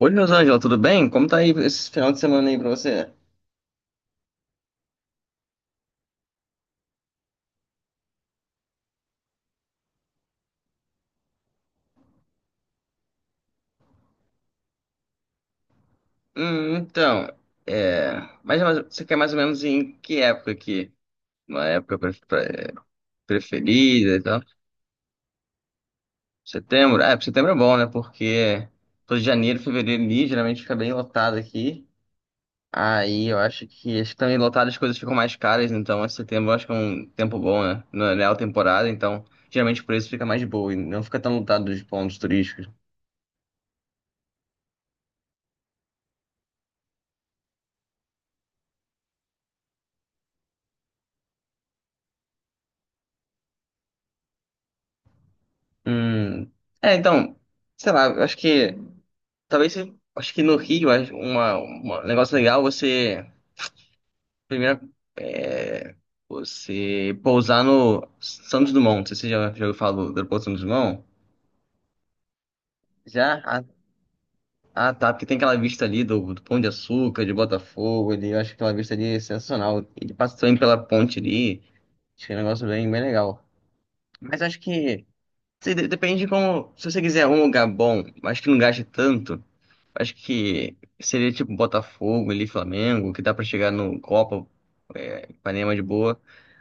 Oi, Rosângela, tudo bem? Como tá aí esse final de semana aí pra você? Então, é... mas você quer mais ou menos em que época aqui? Uma época preferida e tal? Setembro? Ah, setembro é bom, né? Porque tô de janeiro, fevereiro ali, geralmente fica bem lotado aqui. Aí eu acho que também lotado as coisas ficam mais caras, então esse setembro eu acho que é um tempo bom, né? Não é alta temporada, então geralmente o preço fica mais de boa e não fica tão lotado dos pontos turísticos. Hum, então, sei lá, eu acho que acho que no Rio acho um negócio legal você primeiro, é, você pousar no Santos Dumont. Não sei se você já ouviu falar do aeroporto Santos Dumont? Já? Ah, ah, tá, porque tem aquela vista ali do Pão de Açúcar, de Botafogo, ali, eu acho que aquela vista ali é sensacional. Ele passa também pela ponte ali, acho que é um negócio bem, bem legal. Mas acho que depende de como. Se você quiser um lugar bom, mas que não gaste tanto, acho que seria tipo Botafogo ali, Flamengo, que dá pra chegar no Copa, Ipanema de boa.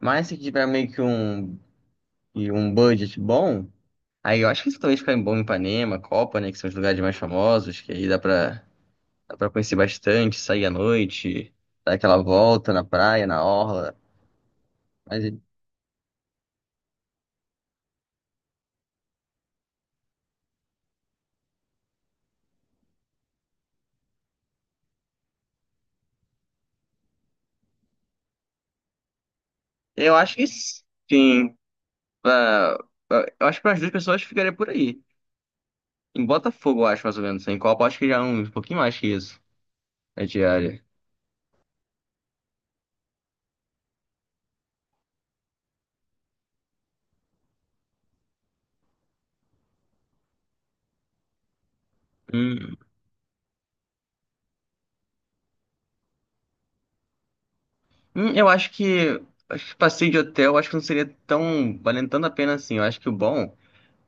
Mas se tiver meio que e um budget bom, aí eu acho que isso também fica bom em Ipanema, Copa, né? Que são os lugares mais famosos, que aí dá pra conhecer bastante, sair à noite, dar aquela volta na praia, na orla. Mas eu acho que sim, pra, eu acho que para as duas pessoas ficaria por aí. Em Botafogo, eu acho mais ou menos. Em Copa, eu acho que já é um pouquinho mais que isso. É diária. Hum, eu acho que passeio de hotel, acho que não seria tão valendo tanto a pena assim. Eu acho que o bom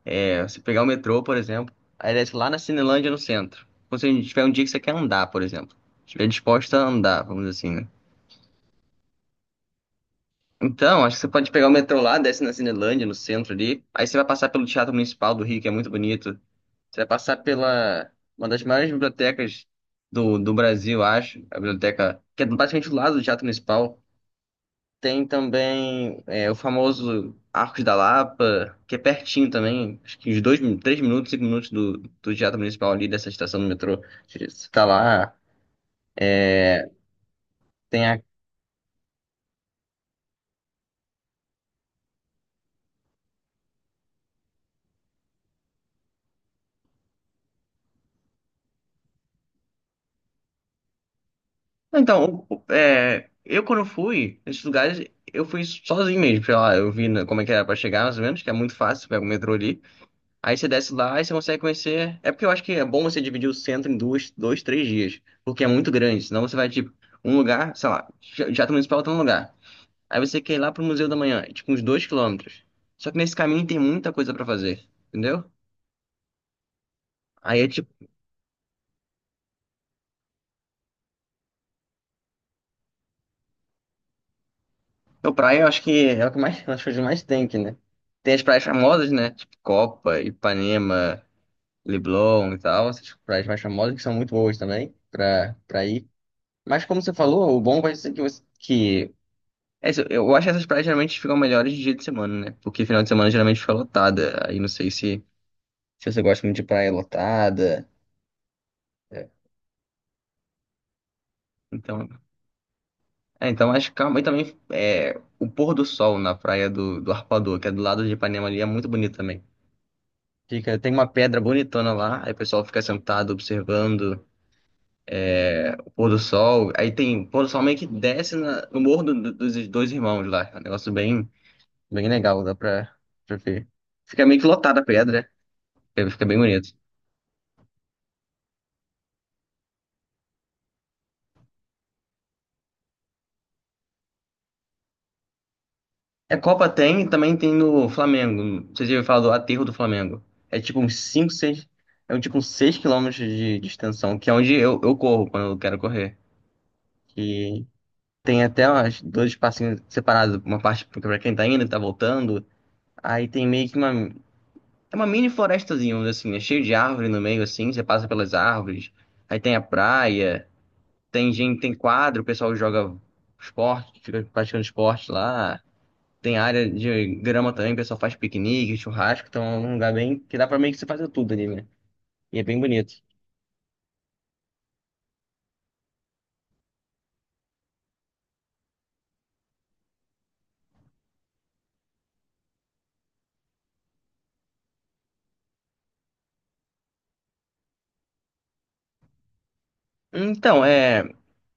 é você pegar o metrô, por exemplo, aí desce lá na Cinelândia no centro. Ou se a gente tiver um dia que você quer andar, por exemplo. Estiver disposta a andar, vamos dizer assim, né? Então, acho que você pode pegar o metrô lá, desce na Cinelândia, no centro ali. Aí você vai passar pelo Teatro Municipal do Rio, que é muito bonito. Você vai passar pela uma das maiores bibliotecas do Brasil, acho. A biblioteca, que é basicamente do lado do Teatro Municipal. Tem também, o famoso Arcos da Lapa, que é pertinho também, acho que uns dois, 3 minutos, 5 minutos do Teatro Municipal ali, dessa estação do metrô. Você tá lá, tem a. Então, eu quando fui nesses lugares, eu fui sozinho mesmo, sei lá, eu vi, como é que era pra chegar, mais ou menos, que é muito fácil, pega o metrô ali. Aí você desce lá e você consegue conhecer. É porque eu acho que é bom você dividir o centro em duas, dois, 3 dias, porque é muito grande, senão você vai, tipo, um lugar, sei lá, Teatro Municipal tá um lugar. Aí você quer ir lá pro Museu da Manhã, é tipo uns 2 quilômetros. Só que nesse caminho tem muita coisa pra fazer, entendeu? Aí é tipo, a praia eu acho que é o que mais, as coisas que mais tem aqui, né? Tem as praias famosas, né? Tipo Copa, Ipanema, Leblon e tal, essas praias mais famosas que são muito boas também pra ir. Mas como você falou, o bom vai ser que você, que é isso, eu acho que essas praias geralmente ficam melhores de dia de semana, né? Porque final de semana geralmente fica lotada. Aí não sei se você gosta muito de praia lotada. É. Então, mas calma. E também, o pôr do sol na praia do Arpoador, que é do lado de Ipanema ali, é muito bonito também. Fica, tem uma pedra bonitona lá, aí o pessoal fica sentado observando, o pôr do sol. Aí tem o pôr do sol meio que desce no morro dos Dois Irmãos lá. É um negócio bem, bem legal, dá pra ver. Fica meio que lotada a pedra, fica bem bonito. É, Copa tem e também tem no Flamengo. Não sei se eu falar do aterro do Flamengo. É tipo uns 5, 6. É um tipo uns 6 quilômetros de extensão, que é onde eu corro quando eu quero correr. E tem até umas, dois espacinhos separados, uma parte pra quem tá indo, e tá voltando. Aí tem meio que uma. É uma mini florestazinha, vamos dizer assim, é cheio de árvore no meio, assim, você passa pelas árvores. Aí tem a praia, tem gente, tem quadro, o pessoal joga esporte, fica praticando esporte lá. Tem área de grama também, o pessoal faz piquenique, churrasco, então é um lugar bem que dá pra meio que você fazer tudo ali, né? E é bem bonito. Então,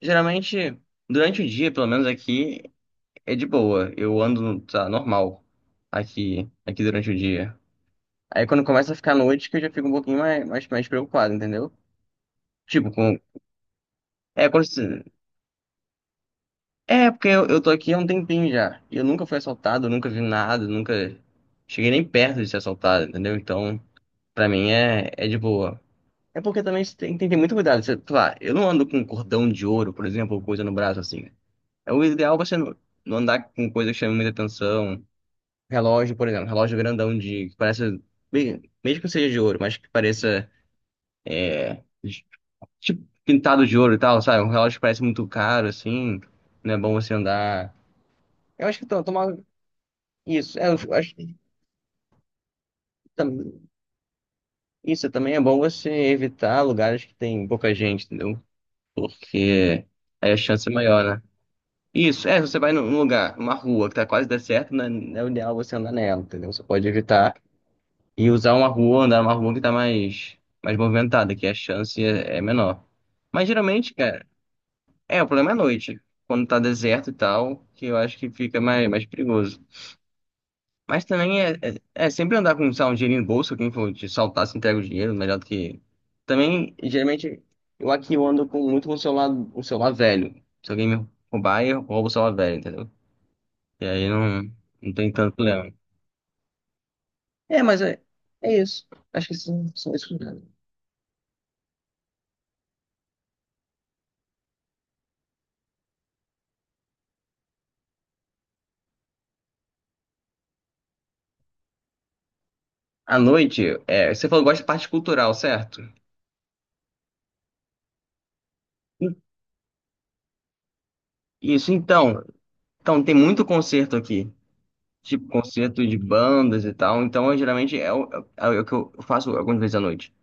geralmente durante o dia, pelo menos aqui, é de boa. Eu ando, tá, normal aqui durante o dia. Aí quando começa a ficar noite, que eu já fico um pouquinho mais, mais, mais preocupado, entendeu? Tipo, com. É, quando... se- é porque eu tô aqui há um tempinho já. E eu nunca fui assaltado, nunca vi nada, nunca cheguei nem perto de ser assaltado, entendeu? Então, pra mim é de boa. É porque também você tem que ter muito cuidado. Você, sei lá, eu não ando com um cordão de ouro, por exemplo, ou coisa no braço assim. É o ideal você não andar com coisa que chame muita atenção. Relógio, por exemplo, relógio grandão, que parece, mesmo que seja de ouro, mas que pareça, de- tipo pintado de ouro e tal, sabe? Um relógio que parece muito caro, assim, não é bom você andar. Eu acho que, tomar isso. É, eu acho que, tam- isso também é bom você evitar lugares que tem pouca gente, entendeu? Porque aí a chance é maior, né? Isso, você vai num lugar, uma rua que tá quase deserta, não é o ideal você andar nela, entendeu? Você pode evitar e usar uma rua, andar numa rua que tá mais, mais movimentada, que a chance é menor. Mas geralmente, cara, o problema é à noite, quando tá deserto e tal, que eu acho que fica mais, mais perigoso. Mas também é sempre andar com, sei lá, um dinheirinho no bolso, quem for te saltar, se entrega o dinheiro, melhor do que. Também, geralmente, eu aqui eu ando, muito com o celular velho. Se alguém me roubar, eu roubo o celular velho, entendeu? E aí não tem tanto problema. É, mas é isso. Acho que são isso. À noite, você falou que gosta de parte cultural, certo? I- Isso, então. Então, tem muito concerto aqui. Tipo, concerto de bandas e tal. Então, eu, geralmente, é o, é é o que eu faço algumas vezes à noite.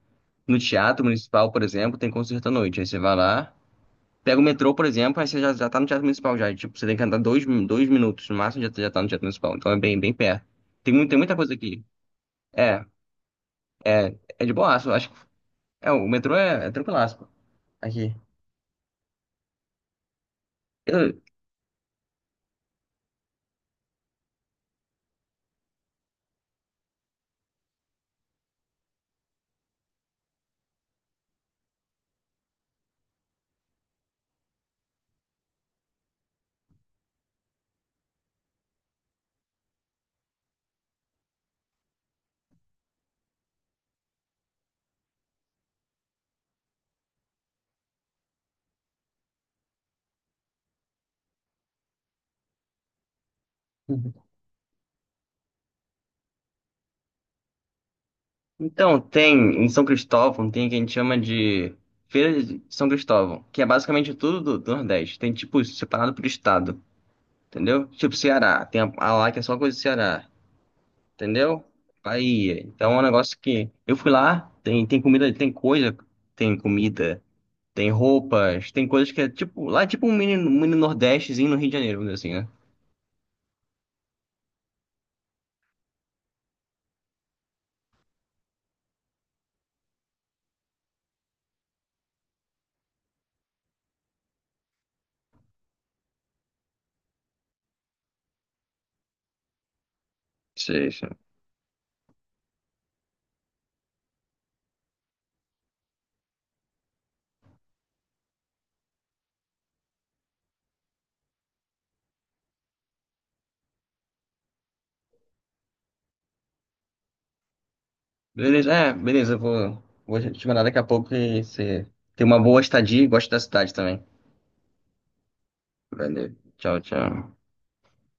No Teatro Municipal, por exemplo, tem concerto à noite. Aí você vai lá, pega o metrô, por exemplo, aí você já tá no Teatro Municipal já. E, tipo, você tem que andar dois minutos no máximo, já tá no Teatro Municipal. Então, é bem, bem perto. Tem muita coisa aqui. É, é de boa. Acho. O metrô é tranquilaço, pô. Aqui. Eu- Então, tem em São Cristóvão, tem o que a gente chama de Feira de São Cristóvão, que é basicamente tudo do Nordeste. Tem, tipo, separado por estado, entendeu? Tipo, Ceará. Tem a lá que é só coisa do Ceará, entendeu? Bahia. Então, é um negócio que. Eu fui lá, tem, tem comida, tem coisa, tem comida, tem roupas, tem coisas que é, tipo. Lá é tipo um mini Nordestezinho no Rio de Janeiro, vamos dizer assim, né? Sim, sim. Beleza, beleza, eu vou te mandar daqui a pouco e você tem uma boa estadia e gosta da cidade também. Valeu, tchau, tchau.